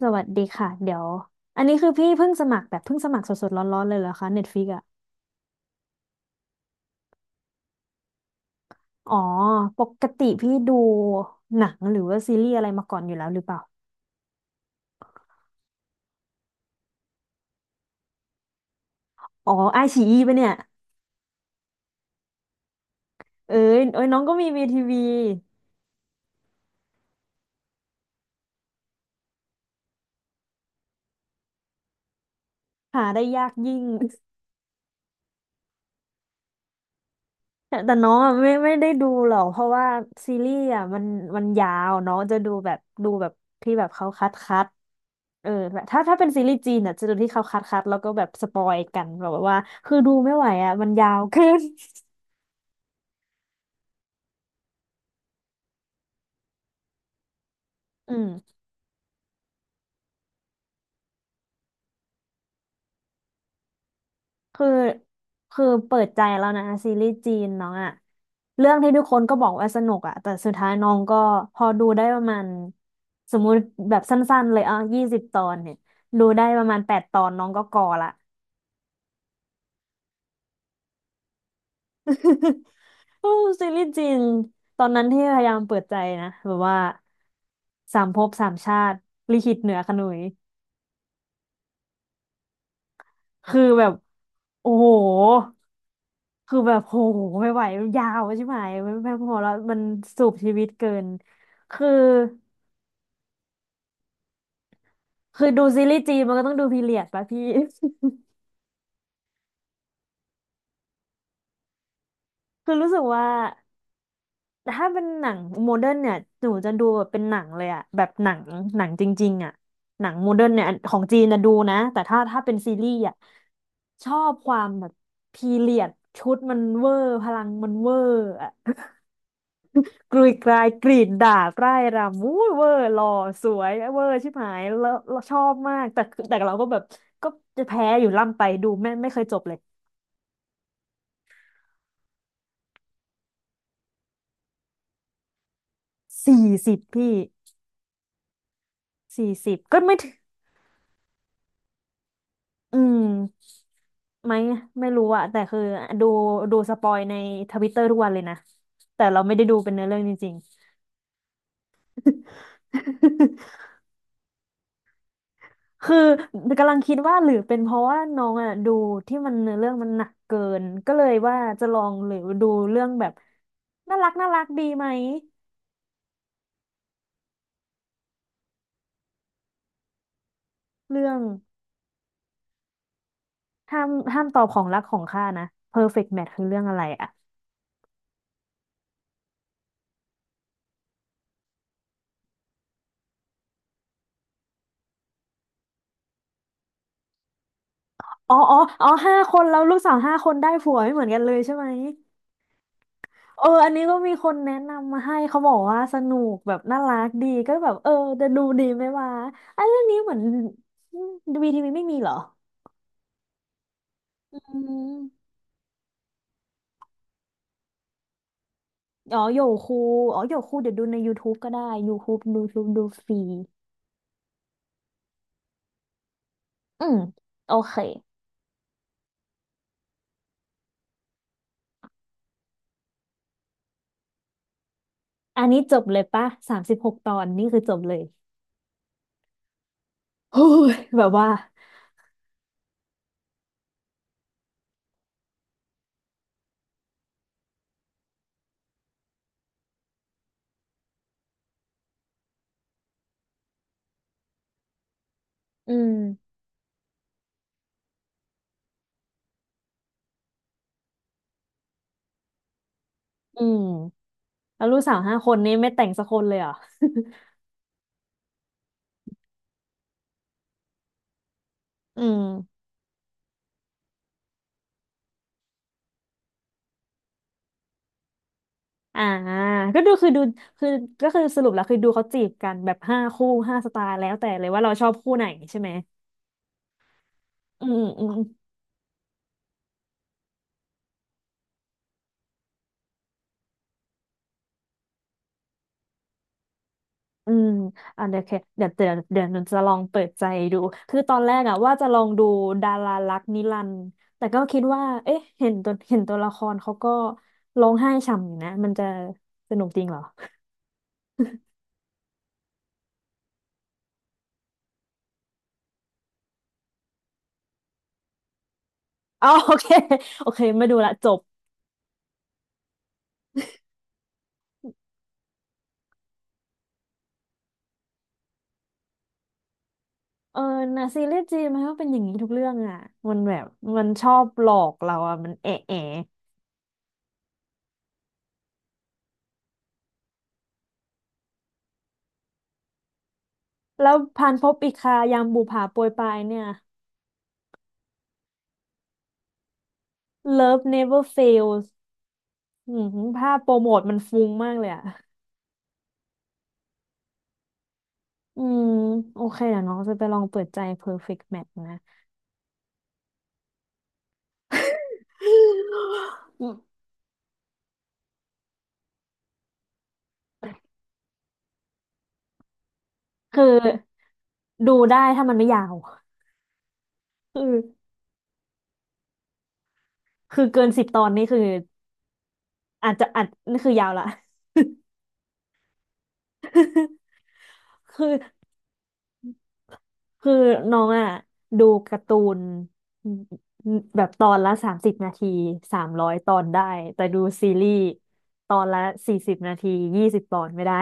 สวัสดีค่ะเดี๋ยวอันนี้คือพี่เพิ่งสมัครแบบเพิ่งสมัครสดๆร้อนๆเลยเหรอคะ Netflix อ่ะอ๋อปกติพี่ดูหนังหรือว่าซีรีส์อะไรมาก่อนอยู่แล้วหรือเปล่าอ๋อไอชีอีปะเนี่ยเอ้ยเอ้ยน้องก็มีวีทีวีหาได้ยากยิ่ง แต่น้องอะไม่ได้ดูหรอกเพราะว่าซีรีส์อ่ะมันมันยาวน้องจะดูแบบดูแบบที่แบบเขาคัดเออแบบถ้าเป็นซีรีส์จีนอ่ะจะดูที่เขาคัดแล้วก็แบบสปอยกันแบบว่าคือดูไม่ไหวอ่ะมันยาวเกิน อืมคือคือเปิดใจแล้วนะซีรีส์จีนน้องอะเรื่องที่ทุกคนก็บอกว่าสนุกอะแต่สุดท้ายน้องก็พอดูได้ประมาณสมมุติแบบสั้นๆเลยอ่ะยี่สิบตอนเนี่ยดูได้ประมาณแปดตอนน้องก็กอละ โอ้ซีรีส์จีนตอนนั้นที่พยายามเปิดใจนะแบบว่าสามภพสามชาติลิขิตเหนือขนุยคือแบบโอ้โห คือแบบโหไม่ไหวยาวใช่ไหมไม่พอแล้วมันสูบชีวิตเกินคือคือดูซีรีส์จีนมันก็ต้องดูพีเรียดป่ะพี่ คือรู้สึกว่าถ้าเป็นหนังโมเดิร์นเนี่ยหนูจะดูแบบเป็นหนังเลยอะแบบหนังหนังจริงๆอะหนังโมเดิร์นเนี่ยอันของจีนนะดูนะแต่ถ้าเป็นซีรีส์อะชอบความแบบพีเรียดชุดมันเวอร์พลังมันเวอร์อะ กรุยกรายกรีดดาดร่ายรำอู้ยเวอร์หล่อสวยเวอร์ชิบหายแล้วแลชอบมากแต่เราก็แบบก็จะแพ้อยู่ล่ำไปดูไม่เคยจบเลย40 พี่สี่สิบก็ไม่ถึงอืมไม่ไม่รู้อะแต่คือดูดูสปอยในทวิตเตอร์ทุกวันเลยนะแต่เราไม่ได้ดูเป็นเนื้อเรื่องจริงๆ คือกำลังคิดว่าหรือเป็นเพราะว่าน้องอ่ะดูที่มันเนื้อเรื่องมันหนักเกินก็เลยว่าจะลองหรือดูเรื่องแบบน่ารักน่ารักดีไหมเรื่องห้ามห้ามตอบของรักของข้านะ Perfect Match คือเรื่องอะไรอ่ะอ๋ออ๋ออ๋อห้าคนแล้วลูกสาวห้าคนได้ผัวไม่เหมือนกันเลยใช่ไหมเอออันนี้ก็มีคนแนะนำมาให้เขาบอกว่าสนุกแบบน่ารักดีก็แบบเออจะดูดีไหมวะไอ้เรื่องนี้เหมือนวีทีวีไม่มีเหรออืม อ๋อโยคูอ๋อโยคูเดี๋ยวดูใน YouTube ก็ได้ YouTube ดูฟรีอืมโอเคอันนี้จบเลยปะ36 ตอนนี่คือจบเลยโอ้ยแบบว่าอืมอืมแล้วลูกสาวห้าคนนี้ไม่แต่งสักคนเลยเหรออืมอ่าก็ดูคือดูคือก็คือสรุปแล้วคือดูเขาจีบกันแบบห้าคู่ห้าสไตล์แล้วแต่เลยว่าเราชอบคู่ไหนใช่ไหมอืมอืมอืม อืมอ่ะเดี๋ยวเคเดี๋ยวหนูจะลองเปิดใจดู คือตอนแรกอะว่าจะลองดูดารารักนิรันดร์แต่ก็คิดว่าเอ๊ะเห็นตัวละครเขาก็ร้องไห้ฉ่ำอยู่นะ มันจะสนุกจริงเหรออ๋อ โอเคโอเคไม่ดูละจบเออนะซีรีส์จีนมันก็เป็นอย่างนี้ทุกเรื่องอะมันแบบมันชอบหลอกเราอะมันเอะแอะแล้วพันภพอีกคายามบุปผาโปรยปรายเนี่ย Love Never Fails อืมภาพโปรโมทมันฟุ้งมากเลยอะ อืมโอเคเดี๋ยวน้องจะไปลองเปิดใจ Perfect Match นะ อืมคือดูได้ถ้ามันไม่ยาวคือคือเกินสิบตอนนี่คืออาจจะอัดนี่คือยาวละ คือคือน้องอ่ะดูการ์ตูนแบบตอนละ30 นาที300 ตอนได้แต่ดูซีรีส์ตอนละ40 นาทียี่สิบตอนไม่ได้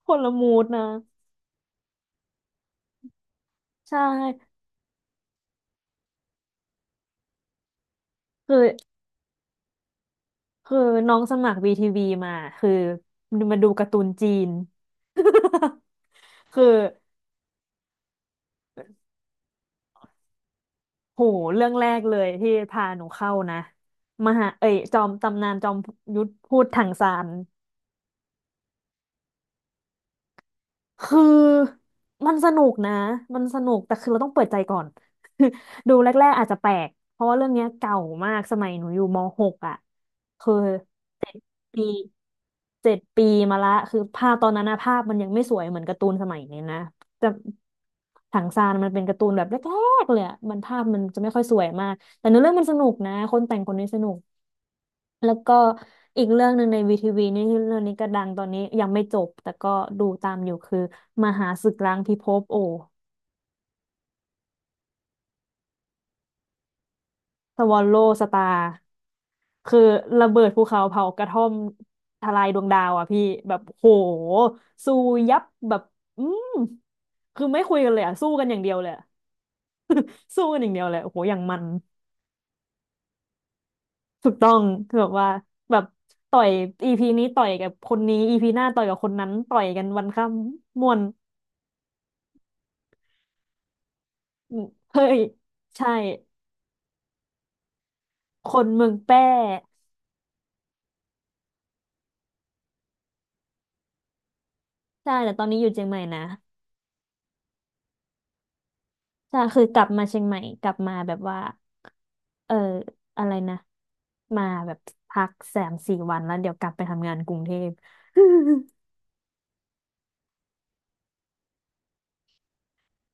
คนละมูดนะใช่คือ คือน้องสมัคร VTV มาคือมาดูการ์ตูนจีน คือโหเรื่องแรกเลยที่พาหนูเข้านะมหาเอ้ยจอมตำนานจอมยุทธพูดถังซานคือมันสนุกนะมันสนุกแต่คือเราต้องเปิดใจก่อน ดูแรกๆอาจจะแปลกเพราะว่าเรื่องเนี้ยเก่ามากสมัยหนูอยู่ม .6 อ่ะคือเจ็ดปี เจ็ดปีมาละคือภาพตอนนั้นนะภาพมันยังไม่สวยเหมือนการ์ตูนสมัยนี้นะจะถังซานมันเป็นการ์ตูนแบบแรกๆเลยอะมันภาพมันจะไม่ค่อยสวยมากแต่เนื้อเรื่องมันสนุกนะคนแต่งคนนี้สนุกแล้วก็อีกเรื่องหนึ่งในวีทีวีนี่เรื่องนี้ก็ดังตอนนี้ยังไม่จบแต่ก็ดูตามอยู่คือมหาศึกล้างพิภพโอสวอลโลสตาร์ คือระเบิดภูเขาเผากระท่อมทลายดวงดาวอ่ะพี่แบบโหสู้ยับแบบอืมคือไม่คุยกันเลยอ่ะสู้กันอย่างเดียวเลยอะ สู้กันอย่างเดียวเลยโอ้โหอย่างมันถูกต้องคือแบบว่าแบบต่อยอีพีนี้ต่อยกับคนนี้อีพีหน้าต่อยกับคนนั้นต่อยกันวันค่ำม่วนอืมเฮ้ยใช่คนเมืองแป้ใช่แต่ตอนนี้อยู่เชียงใหม่นะ ใช่คือกลับมาเชียงใหม่กลับมาแบบว่าเอออะไรนะมาแบบพักสามสี่วันแล้วเดี๋ยวกลับไปทำงานกรุงเทพ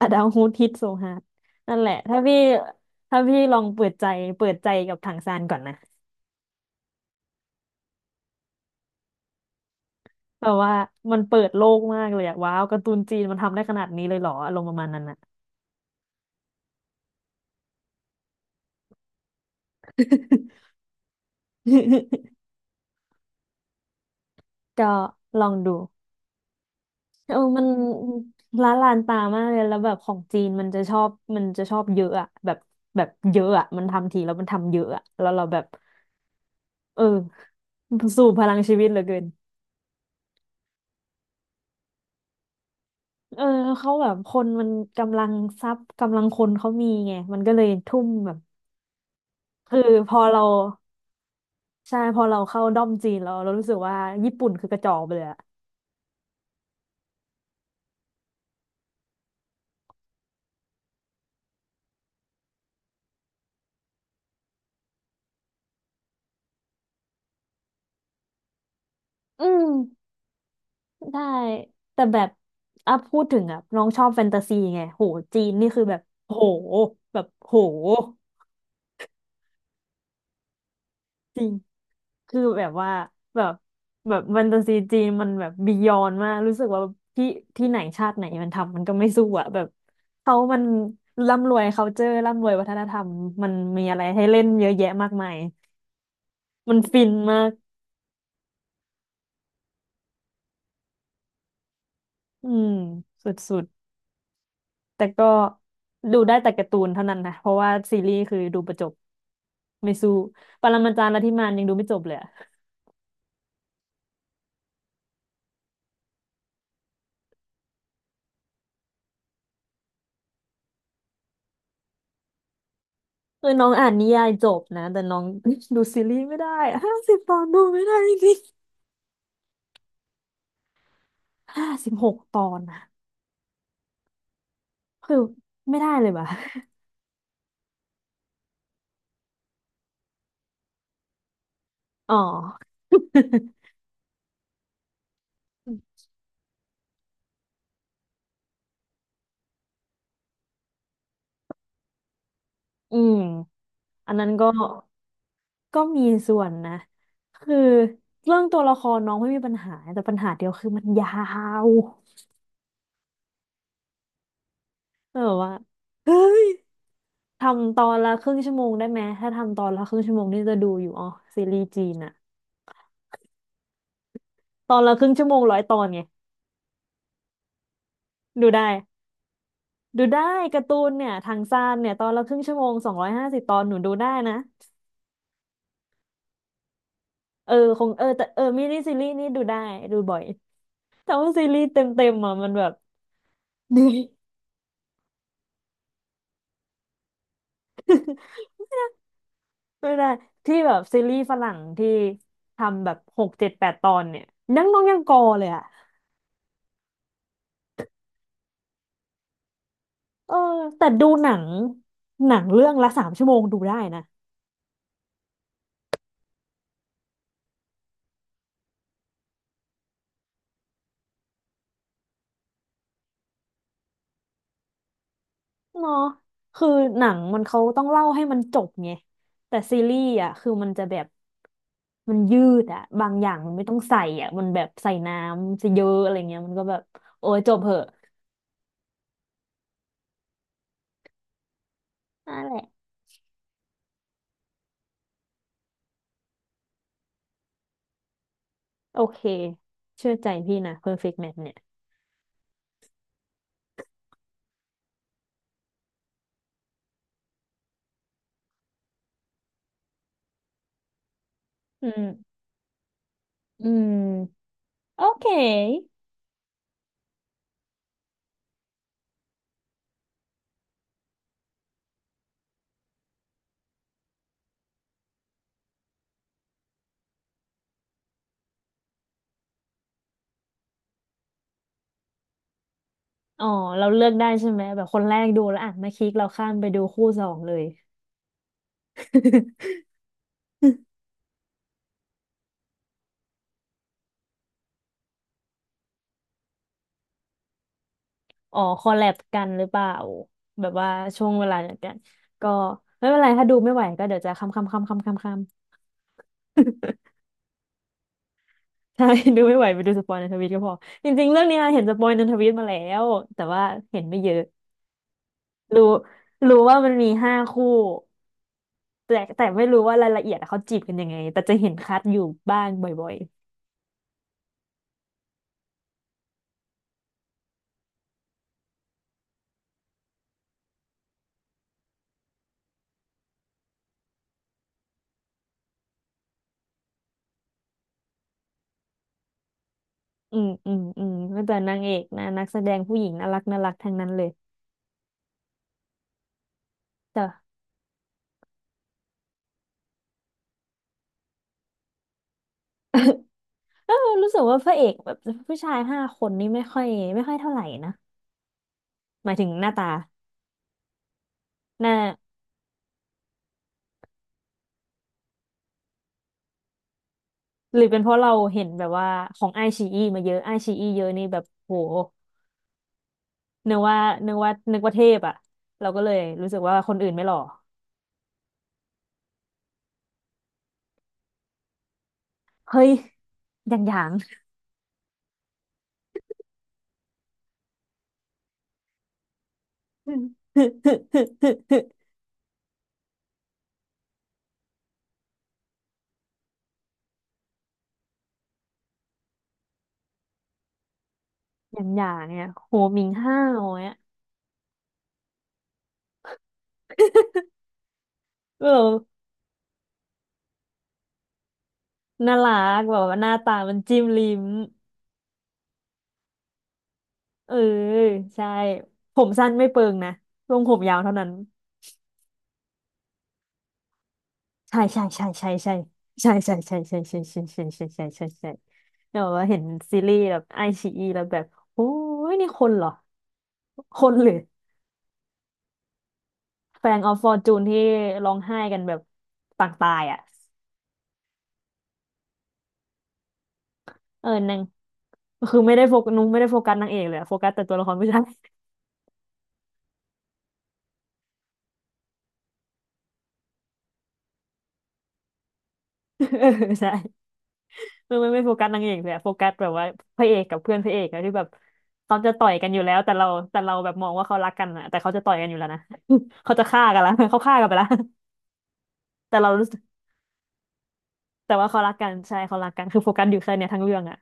อะดาวฮูดฮิตโซฮาร์ดนั่นแหละถ้าพี่ถ้าพี่ลองเปิดใจเปิดใจกับถังซานก่อนนะแบบว่ามันเปิดโลกมากเลยอะว้าวการ์ตูนจีนมันทำได้ขนาดนี้เลยเหรออารมณ์ประมาณนั้นอะ ก็ลองดู เออมันละลานตามากเลย แล้วแบบของจีนมันจะชอบมันจะชอบเยอะอะแบบแบบเยอะอะมันทำทีแล้วมันทำเยอะอะแล้วเราแบบเออสู่พลังชีวิตเหลือเกินเออเขาแบบคนมันกำลังทรัพย์กำลังคนเขามีไง มันก็เลยทุ่มแบบคือพอเราใช่พอเราเข้าด้อมจีนเราเรารู้สึกว่าญี่ปุ่นคือกระจอกไปเลยอะอืม ได้แต่แบบอ่ะพูดถึงอ่ะน้องชอบแฟนตาซีไงโหจีนนี่คือแบบโหแบบโหจริงคือแบบว่าแบบแบบแฟนตาซีจีนมันแบบบียอนมากรู้สึกว่าที่ที่ไหนชาติไหนมันทำมันก็ไม่สู้อ่ะแบบเขามันร่ำรวย culture ร่ำรวยวัฒนธรรมมันมีอะไรให้เล่นเยอะแยะมากมายมันฟินมากอืมสุดๆ แต่ก็ดูได้แต่การ์ตูนเท่านั้นนะเพราะว่าซีรีส์คือดูประจบไม่สู้ปรมาจารย์ลัทธิมานยังดูไม่จบเลยอะคือน้องอ่านนิยายจบนะแต่น้อง ดูซีรีส์ไม่ได้50 ตอนดูไม่ได้จริง56 ตอนนะคือไม่ได้เลยว่ะอ๋อ อืมอันนั้นก็ก็มีส่วนนะคือเรื่องตัวละครน้องไม่มีปัญหาแต่ปัญหาเดียวคือมันยาวแบบว่าเฮ้ย ทำตอนละครึ่งชั่วโมงได้ไหมถ้าทำตอนละครึ่งชั่วโมงนี่จะดูอยู่อ๋อซีรีส์จีนอะตอนละครึ่งชั่วโมง100 ตอนไงดูได้ดูได้การ์ตูนเนี่ยทางซ่านเนี่ยตอนละครึ่งชั่วโมง250 ตอนหนูดูได้นะคงเออแต่เออมินิซีรีส์นี่ดูได้ดูบ่อยแต่ว่าซีรีส์เต็มๆอ่ะมันแบบ เหนื่อยไม่ได้ที่แบบซีรีส์ฝรั่งที่ทำแบบหกเจ็ดแปดตอนเนี่ยยังน้องยังกอเลยอะเออแต่ดูหนังหนังเรื่องละ3 ชั่วโมงดูได้นะ เนาะคือหนังมันเขาต้องเล่าให้มันจบไงแต่ซีรีส์อ่ะคือมันจะแบบมันยืดอ่ะบางอย่างมันไม่ต้องใส่อ่ะมันแบบใส่น้ำซะเยอะอะไรเงี้ยมันก็แบบโอ้ยจบเหอะนั่นแหละโอเคเชื่อใจพี่นะ Perfect Match เนี่ยอืมอืมโอเคอ๋อเราเลือกได้ใช่ไหมแบบคนแรกดูแล้วอ่ะมาคลิกเราข้ามไปดูคู่สองเลย อ๋อคอลแลบกันหรือเปล่า แบบว่าช่วงเวลาเดียวกัน ก็ไม่เป็นไร ถ้าดูไม่ไหวก็เดี๋ยวจะค้ำค้ำค้ำค้ำค้ำค้ำ ใช่ ดูไม่ไหวไปดูสปอยในทวิตก็พอ จริงๆเรื่องเนี้ยเห็นสปอยในทวิตมาแล้ว แต่ว่าเห็นไม่เยอะ รู้รู้ว่ามันมี5 คู่แต่แต่ไม่รู้ว่ารายละเอียดอะเขาจีบกันยังไงแต่จะเห็นคัดอยู่บ้างบ่อยๆอืมอืมอืมก็แต่นางเอกนะนักแสดงผู้หญิงน่ารักน่ารักทั้งนั้นเลยแต่เออรู้สึกว่าพระเอกแบบผู้ชาย5 คนนี่ไม่ค่อยไม่ค่อยเท่าไหร่นะ หมายถึงหน้าตาหน้าหรือเป็นเพราะเราเห็นแบบว่าของไอชีอีมาเยอะไอชีอีเยอะนี่แบบโหนึกว่านึกว่านึกว่าเทพอ่ะเราก็เลยรู้สึกว่าคนอื่นไม่หล่อเฮ้ยอย่างอย่าง อืมอย่างอย่างเนี่ยโหมิงห้าวเนี่ยเออน่ารักแบบว่าหน้าตามันจิ้มลิ้มเออใช่ผมสั้นไม่เปิงนะลงผมยาวเท่านั้น ใช่ใช่ใช่ใช่ใช่ใช่ใช่ใช่ใช่ใช่ใช่ใช่ใช่ใช่ใช่ใช่เนี่ยแบบว่าเห็นซีรีส์แบบไอชีอีแล้วแบบโอ้ยนี่คนเหรอคนหรือแฟงออฟฟอร์จูนที่ร้องไห้กันแบบต่างตายอ่ะเออนางคือไม่ได้โฟกัสนุ้งไม่ได้โฟกัสนางเอกเลยอะโฟกัสแต่ตัวละครผู้ชายเออใช่ไม่ไม่ไม่โฟกัสนางเอกเลยอะโฟกัสแบบว่าพระเอกกับเพื่อนพระเอกอะที่แบบเขาจะต่อยกันอยู่แล้วแต่เราแต่เราแบบมองว่าเขารักกันอะแต่เขาจะต่อยกันอยู่แล้วนะ เขาจะฆ่ากันละเขาฆ่ากันไปละ แต่เรารู้สึกแต่ว่าเขารักกันใช่เขารักกันคือโฟกัสอยู่แค่เนี้ยทั้งเรื่องอะ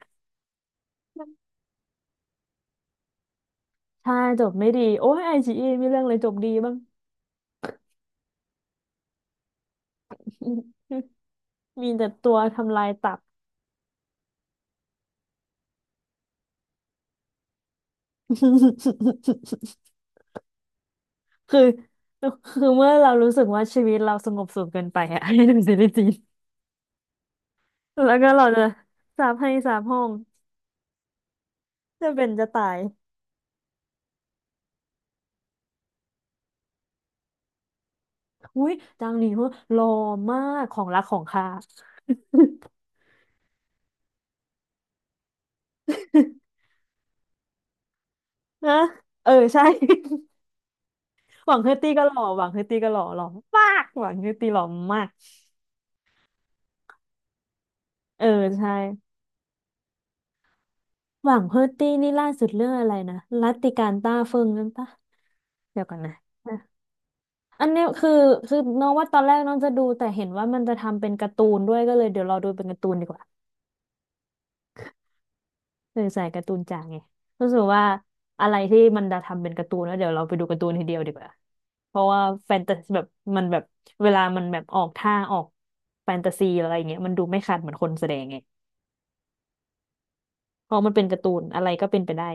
ใช่จบไม่ดีโอ้ยไอจีมีเรื่องเลยจบดีบ้าง มีแต่ตัวทำลายตับ คือคือเมื่อเรารู้สึกว่าชีวิตเราสงบสุขเกินไปอะ ให้ดูซีรีส์จีนแล้วก็เราจะสาปให้สาปห้องจะเป็นจะตายอุ้ยจางหนีเหัวหล่อมากของรักของข้า นะเออใช่ หวังเฮอร์ตี้ก็หล่อหวังเฮอร์ตี้ก็หล่อหล่อมากหวังเฮอร์ตี้หล่อมากเออใช่หวังเฮอร์ตี้นี่ล่าสุดเรื่องอะไรนะรัตติการต้าเฟิงนั่นปะเดี๋ยวกันนะอันเนี้ยคือคือน้องว่าตอนแรกน้องจะดูแต่เห็นว่ามันจะทำเป็นการ์ตูนด้วยก็เลยเดี๋ยวรอดูเป็นการ์ตูนดีกว่าเออใส่การ์ตูนจ๋าไงรู้สึกว่าอะไรที่มันจะทำเป็นการ์ตูนแล้วเดี๋ยวเราไปดูการ์ตูนทีเดียวดีกว่าเพราะว่าแฟนตาซีแบบมันแบบเวลามันแบบออกท่าออกแฟนตาซีอะไรอย่างเงี้ยมันดูไม่ขาดเหมือนคนแสดงไง เพราะมันเป็นการ์ตูนอะไรก็เป็นไปได้